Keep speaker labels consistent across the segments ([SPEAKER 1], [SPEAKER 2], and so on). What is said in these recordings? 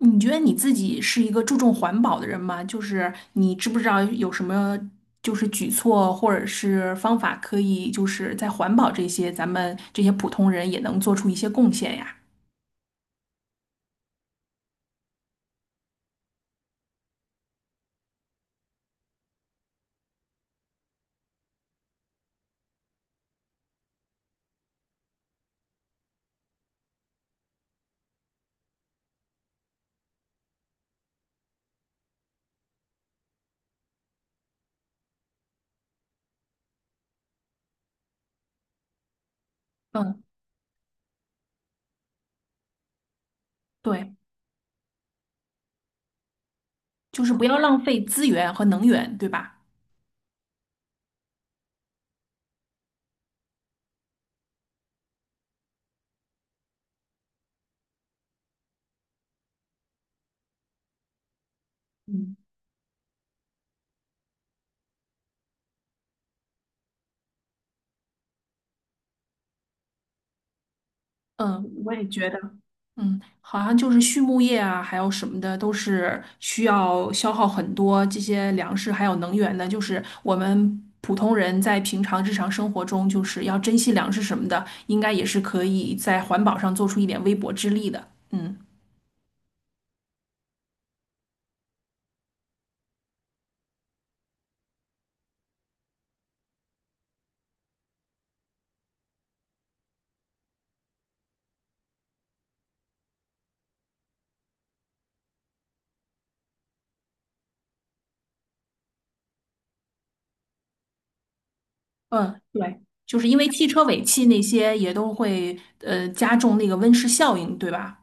[SPEAKER 1] 你觉得你自己是一个注重环保的人吗？就是你知不知道有什么就是举措或者是方法可以就是在环保这些咱们这些普通人也能做出一些贡献呀？嗯，对，就是不要浪费资源和能源，对吧？嗯。嗯，我也觉得，嗯，好像就是畜牧业啊，还有什么的，都是需要消耗很多这些粮食还有能源的。就是我们普通人在平常日常生活中，就是要珍惜粮食什么的，应该也是可以在环保上做出一点微薄之力的。嗯。嗯，对，就是因为汽车尾气那些也都会加重那个温室效应，对吧？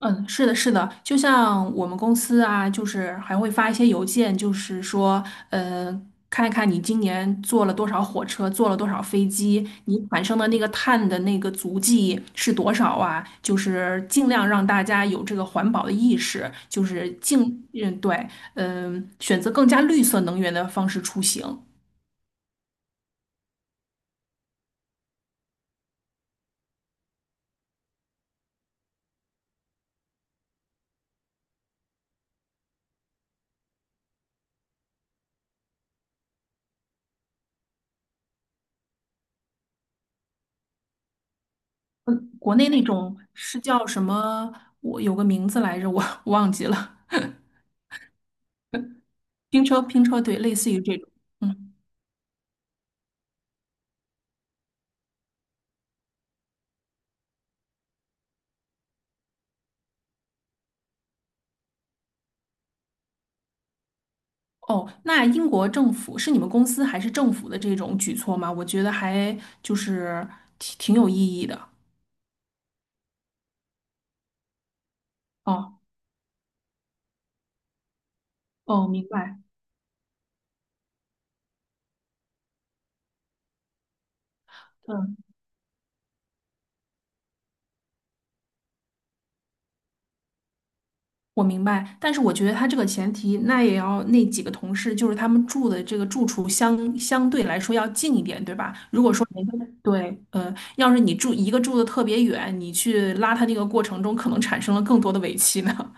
[SPEAKER 1] 嗯，是的，是的，就像我们公司啊，就是还会发一些邮件，就是说，嗯，看一看你今年坐了多少火车，坐了多少飞机，你产生的那个碳的那个足迹是多少啊？就是尽量让大家有这个环保的意识，就是尽，嗯，对，嗯，选择更加绿色能源的方式出行。嗯，国内那种是叫什么？我有个名字来着，我 忘记了。拼车，拼车，对，类似于这种。嗯。哦，那英国政府是你们公司还是政府的这种举措吗？我觉得还就是挺有意义的。哦哦，明白。嗯，我明白。但是我觉得他这个前提，那也要那几个同事，就是他们住的这个住处相对来说要近一点，对吧？如果说人家对，要是你住一个住的特别远，你去拉他那个过程中，可能产生了更多的尾气呢。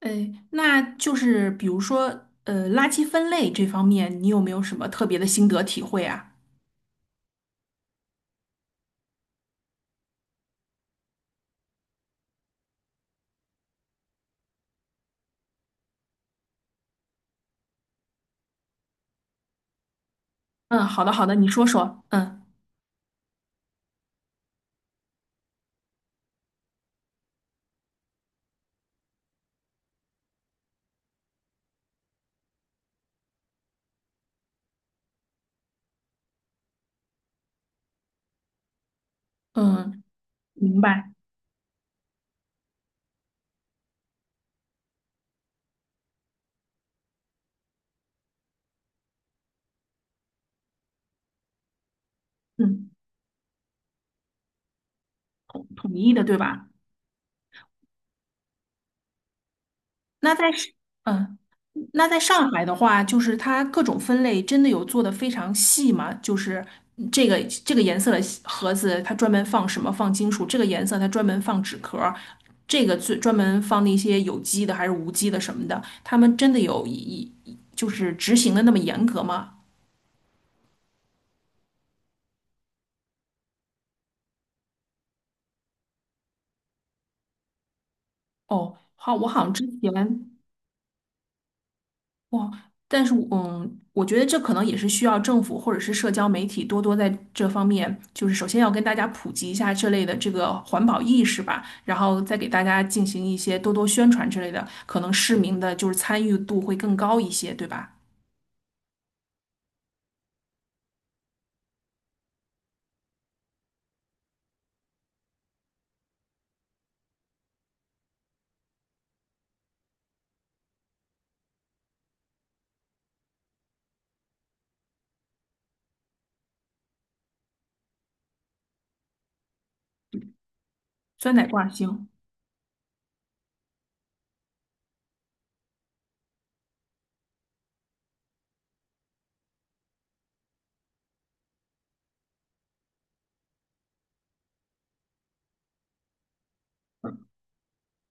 [SPEAKER 1] 呃，那就是比如说，垃圾分类这方面，你有没有什么特别的心得体会啊？嗯，好的，好的，你说说。嗯嗯，明白。嗯，统一的，对吧？那在是嗯，那在上海的话，就是它各种分类真的有做的非常细吗？就是嗯这个这个颜色的盒子，它专门放什么？放金属。这个颜色它专门放纸壳儿，这个最专门放那些有机的还是无机的什么的。他们真的有就是执行的那么严格吗？哦，好，我好像之前哇，但是我嗯，我觉得这可能也是需要政府或者是社交媒体多多在这方面，就是首先要跟大家普及一下这类的这个环保意识吧，然后再给大家进行一些多多宣传之类的，可能市民的就是参与度会更高一些，对吧？酸奶挂星，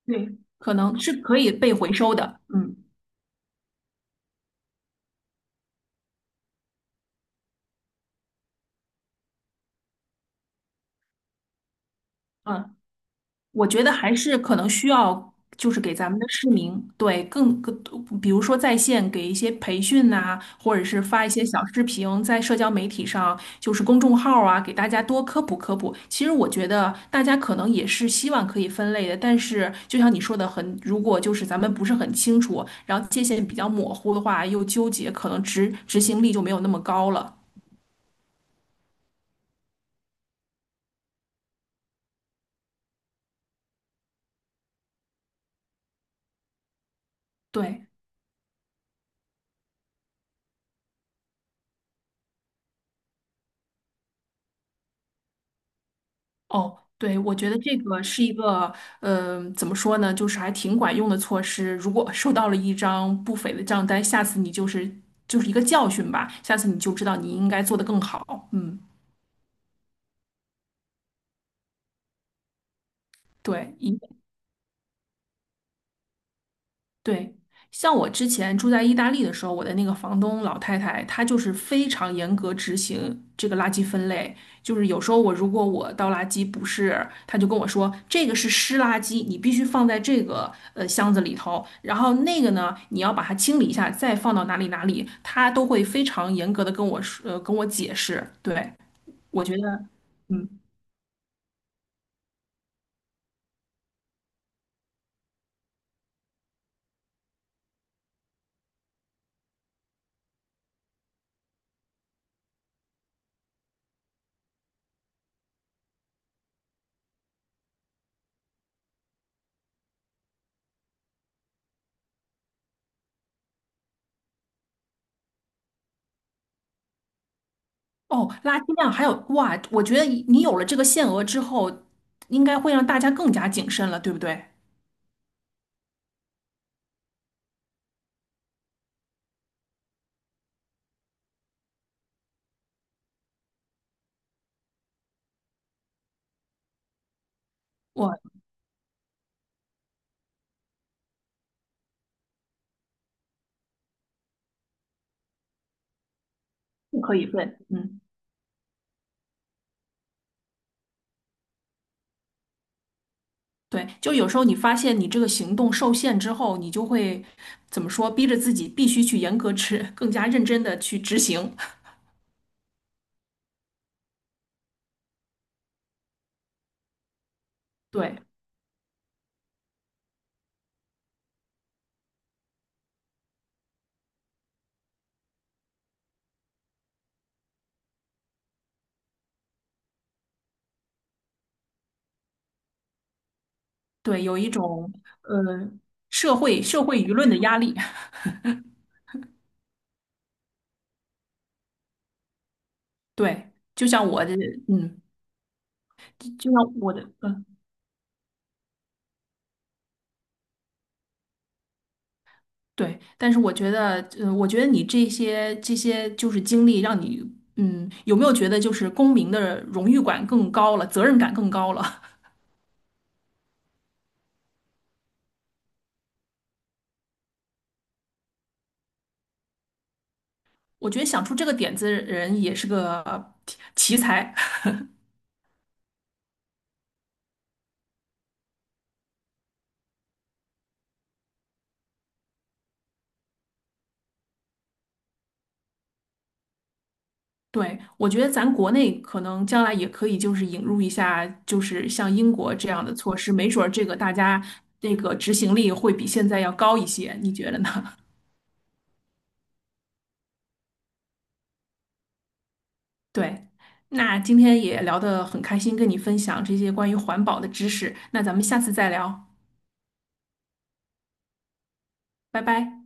[SPEAKER 1] 对，可能是可以被回收的，嗯嗯。我觉得还是可能需要，就是给咱们的市民，对，比如说在线给一些培训呐、或者是发一些小视频在社交媒体上，就是公众号啊，给大家多科普科普。其实我觉得大家可能也是希望可以分类的，但是就像你说的很，如果就是咱们不是很清楚，然后界限比较模糊的话，又纠结，可能执行力就没有那么高了。对。哦，对，我觉得这个是一个，嗯，怎么说呢，就是还挺管用的措施。如果收到了一张不菲的账单，下次你就是就是一个教训吧，下次你就知道你应该做得更好。嗯，对，一对，像我之前住在意大利的时候，我的那个房东老太太，她就是非常严格执行这个垃圾分类。就是有时候我如果我倒垃圾不是，她就跟我说这个是湿垃圾，你必须放在这个箱子里头，然后那个呢，你要把它清理一下，再放到哪里哪里，她都会非常严格的跟我说，跟我解释。对，我觉得。嗯，哦，垃圾量还有哇，我觉得你有了这个限额之后，应该会让大家更加谨慎了，对不对？我不可以问，嗯，对，就有时候你发现你这个行动受限之后，你就会怎么说，逼着自己必须去严格执，更加认真的去执行。对对，有一种呃社会舆论的压力。对，就像我的，嗯，就像我的，嗯，对。但是我觉得，嗯，我觉得你这些就是经历，让你，嗯，有没有觉得就是公民的荣誉感更高了，责任感更高了？我觉得想出这个点子的人也是个奇才。对，我觉得咱国内可能将来也可以，就是引入一下，就是像英国这样的措施，没准儿这个大家那个执行力会比现在要高一些，你觉得呢？对，那今天也聊得很开心，跟你分享这些关于环保的知识，那咱们下次再聊，拜拜。